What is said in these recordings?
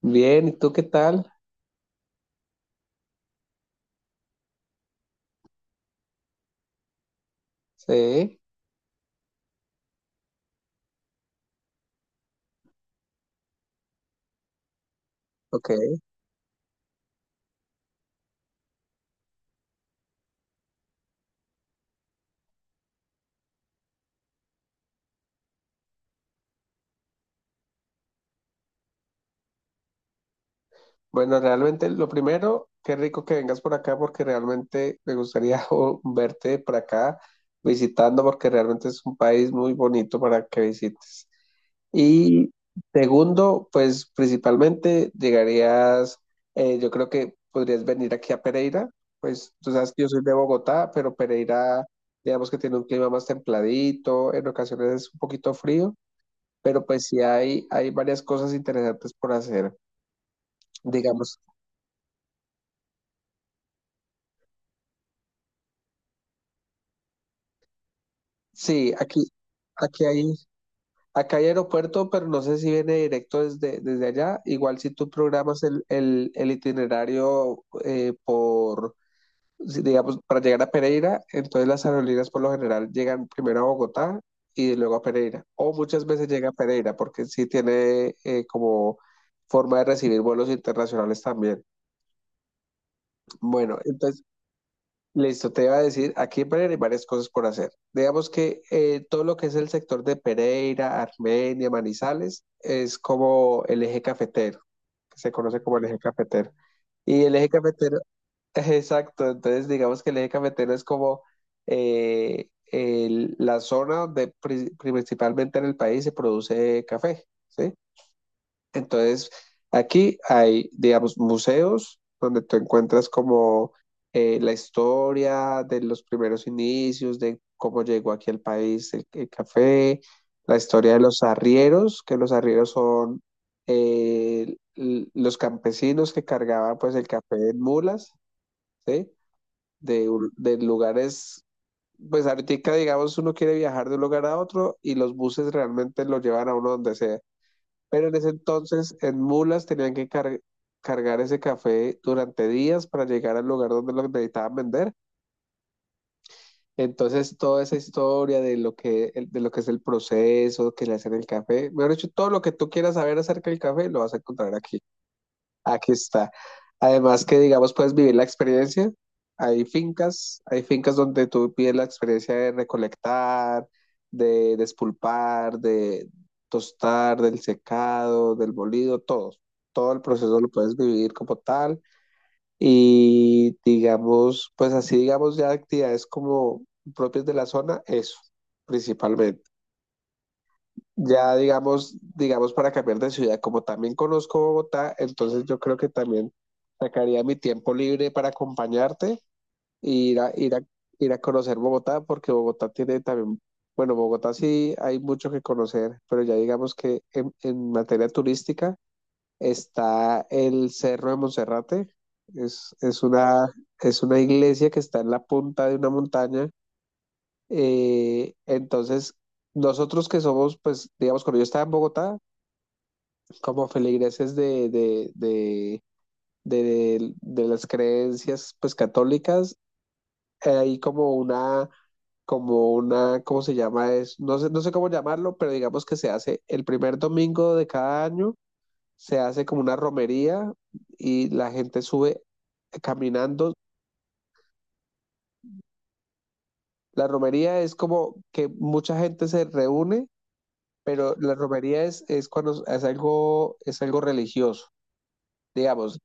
Bien, ¿y tú qué tal? Sí, ok. Bueno, realmente lo primero, qué rico que vengas por acá porque realmente me gustaría o, verte por acá visitando porque realmente es un país muy bonito para que visites. Y segundo, pues principalmente llegarías, yo creo que podrías venir aquí a Pereira, pues tú sabes que yo soy de Bogotá, pero Pereira, digamos que tiene un clima más templadito, en ocasiones es un poquito frío. Pero pues sí hay varias cosas interesantes por hacer. Digamos, sí, aquí hay, acá hay aeropuerto, pero no sé si viene directo desde allá. Igual si tú programas el itinerario por, si- digamos, para llegar a Pereira, entonces las aerolíneas por lo general llegan primero a Bogotá y luego a Pereira. O muchas veces llega a Pereira porque sí tiene como forma de recibir vuelos internacionales también. Bueno, entonces... Listo, te iba a decir, aquí en Pereira hay varias cosas por hacer. Digamos que todo lo que es el sector de Pereira, Armenia, Manizales, es como el eje cafetero, que se conoce como el eje cafetero. Y el eje cafetero, exacto, entonces digamos que el eje cafetero es como la zona donde principalmente en el país se produce café, ¿sí? Entonces, aquí hay, digamos, museos donde tú encuentras como la historia de los primeros inicios, de cómo llegó aquí al país el café, la historia de los arrieros, que los arrieros son los campesinos que cargaban pues el café en mulas, ¿sí? De, de lugares, pues ahorita digamos uno quiere viajar de un lugar a otro y los buses realmente lo llevan a uno donde sea. Pero en ese entonces, en mulas tenían que cargar ese café durante días para llegar al lugar donde lo necesitaban vender. Entonces, toda esa historia de lo que, de lo que es el proceso, que le hacen el café, mejor dicho, todo lo que tú quieras saber acerca del café, lo vas a encontrar aquí. Aquí está. Además que, digamos, puedes vivir la experiencia. Hay fincas donde tú pides la experiencia de recolectar, de despulpar, de tostar, del secado, del molido, todo. Todo el proceso lo puedes vivir como tal. Y digamos, pues así, digamos, ya actividades como propias de la zona, eso, principalmente. Ya digamos, digamos para cambiar de ciudad, como también conozco Bogotá, entonces yo creo que también sacaría mi tiempo libre para acompañarte e ir a conocer Bogotá, porque Bogotá tiene también, bueno, Bogotá sí hay mucho que conocer, pero ya digamos que en materia turística está el Cerro de Monserrate, es, es una, es una iglesia que está en la punta de una montaña, entonces... Nosotros que somos, pues, digamos, cuando yo estaba en Bogotá, como feligreses de las creencias pues católicas, hay como una, ¿cómo se llama? Es, no sé cómo llamarlo, pero digamos que se hace el primer domingo de cada año, se hace como una romería y la gente sube caminando. La romería es como que mucha gente se reúne, pero la romería es cuando es algo religioso. Digamos,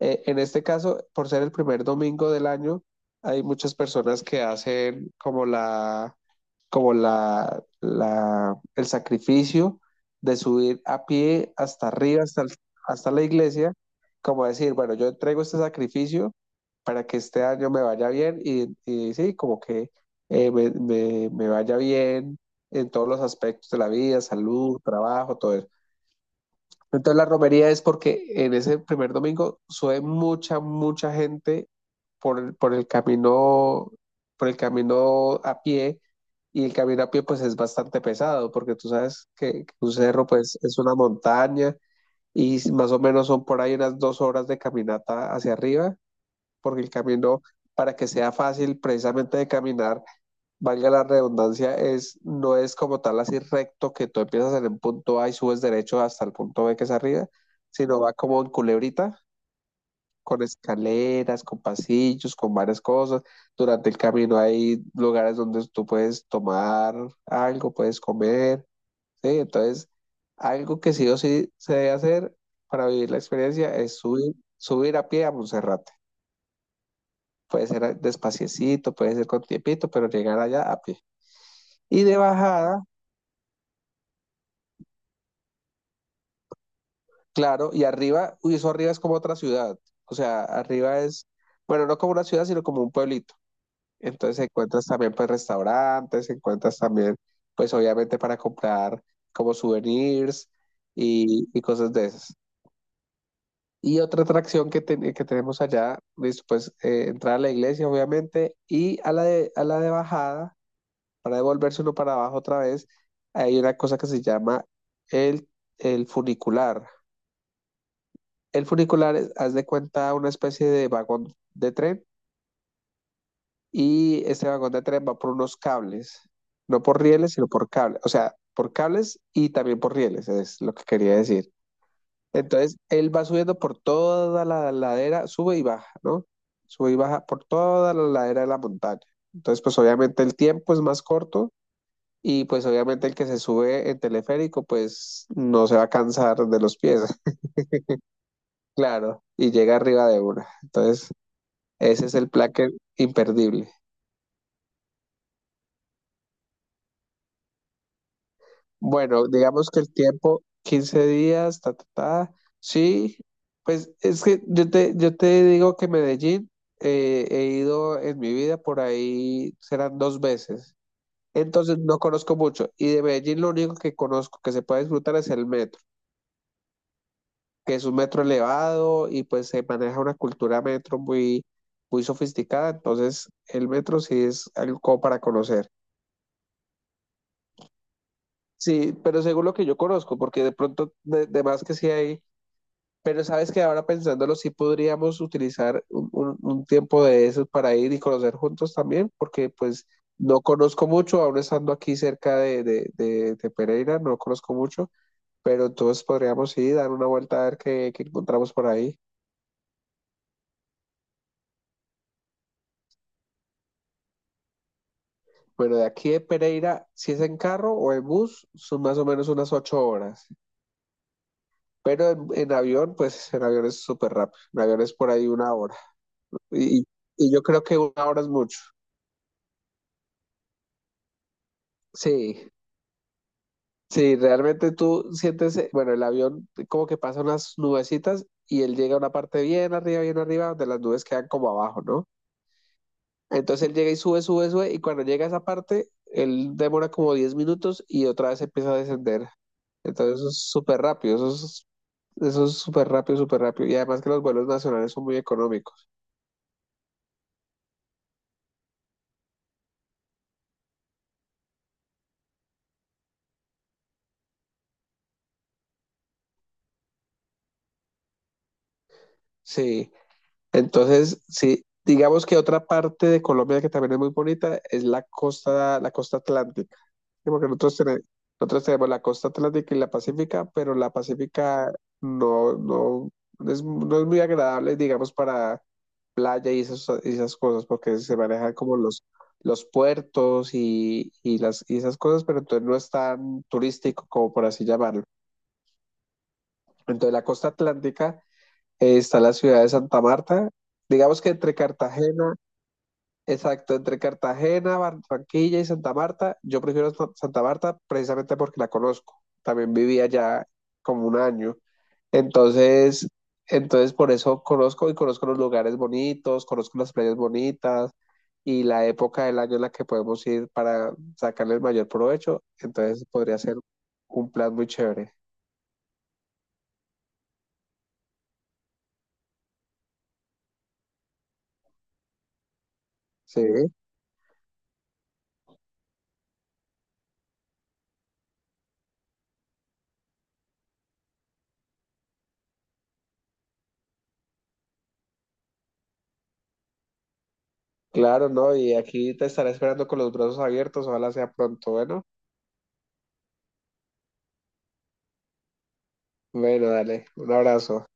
en este caso, por ser el primer domingo del año, hay muchas personas que hacen como la, el sacrificio de subir a pie hasta arriba, hasta, hasta la iglesia, como decir, bueno, yo entrego este sacrificio para que este año me vaya bien y sí, como que me vaya bien en todos los aspectos de la vida, salud, trabajo, todo eso. Entonces la romería es porque en ese primer domingo sube mucha, mucha gente por, el- por el camino, por el camino a pie, y el camino a pie pues es bastante pesado, porque tú sabes que un cerro pues es una montaña y más o menos son por ahí unas 2 horas de caminata hacia arriba, porque el camino para que sea fácil precisamente de caminar valga la redundancia, no es como tal así recto que tú empiezas en el punto A y subes derecho hasta el punto B que es arriba, sino va como en culebrita, con escaleras, con pasillos, con varias cosas. Durante el camino hay lugares donde tú puedes tomar algo, puedes comer, ¿sí? Entonces, algo que sí o sí se debe hacer para vivir la experiencia es subir, subir a pie a Monserrate. Puede ser despaciecito, puede ser con tiempito, pero llegar allá a pie. Y de bajada. Claro, y arriba, uy, eso arriba es como otra ciudad. O sea, arriba es, bueno, no como una ciudad, sino como un pueblito. Entonces encuentras también pues restaurantes, encuentras también pues obviamente para comprar como souvenirs y cosas de esas. Y otra atracción que tenemos allá, listo, pues entrar a la iglesia obviamente y a la de bajada, para devolverse uno para abajo otra vez, hay una cosa que se llama el, el funicular. El funicular, haz de cuenta, una especie de vagón de tren y este vagón de tren va por unos cables, no por rieles, sino por cables, o sea, por cables y también por rieles, es lo que quería decir. Entonces, él va subiendo por toda la ladera, sube y baja, ¿no? Sube y baja por toda la ladera de la montaña. Entonces, pues obviamente el tiempo es más corto y pues obviamente el que se sube en teleférico, pues no se va a cansar de los pies, claro, y llega arriba de una. Entonces... Ese es el plan imperdible. Bueno, digamos que el tiempo, 15 días, ta, ta, ta. Sí, pues es que yo te digo que Medellín he ido en mi vida por ahí, serán dos veces. Entonces no conozco mucho. Y de Medellín lo único que conozco que se puede disfrutar es el metro, que es un metro elevado y pues se maneja una cultura metro muy, muy sofisticada. Entonces el metro sí es algo como para conocer. Sí, pero según lo que yo conozco, porque de pronto, de más que sí hay, pero sabes que ahora pensándolo, sí podríamos utilizar un tiempo de esos para ir y conocer juntos también, porque pues no conozco mucho, aún estando aquí cerca de Pereira, no conozco mucho, pero entonces podríamos ir, dar una vuelta a ver qué encontramos por ahí. Bueno, de aquí de Pereira, si es en carro o en bus, son más o menos unas 8 horas, pero en avión, pues en avión es súper rápido, en avión es por ahí una hora. Y, y yo creo que una hora es mucho. Sí, sí, realmente tú sientes, bueno, el avión como que pasa unas nubecitas y él llega a una parte bien arriba, donde las nubes quedan como abajo, ¿no? Entonces él llega y sube, sube, sube, y cuando llega a esa parte, él demora como 10 minutos y otra vez empieza a descender. Entonces eso es súper rápido, eso es súper rápido, súper rápido. Y además que los vuelos nacionales son muy económicos. Sí. Entonces, sí, digamos que otra parte de Colombia que también es muy bonita es la costa atlántica, ¿sí? Porque nosotros tenemos la costa atlántica y la pacífica, pero la pacífica no, no, no es muy agradable, digamos, para playa y esas cosas, porque se manejan como los puertos y esas cosas, pero entonces no es tan turístico como por así llamarlo. Entonces, la costa atlántica está la ciudad de Santa Marta, digamos que entre Cartagena. Exacto, entre Cartagena, Barranquilla y Santa Marta, yo prefiero Santa Marta precisamente porque la conozco. También viví allá como un año. Entonces, por eso conozco y conozco los lugares bonitos, conozco las playas bonitas y la época del año en la que podemos ir para sacarle el mayor provecho. Entonces podría ser un plan muy chévere. Sí, claro, ¿no? Y aquí te estaré esperando con los brazos abiertos. Ojalá sea pronto. Bueno, bueno, dale. Un abrazo.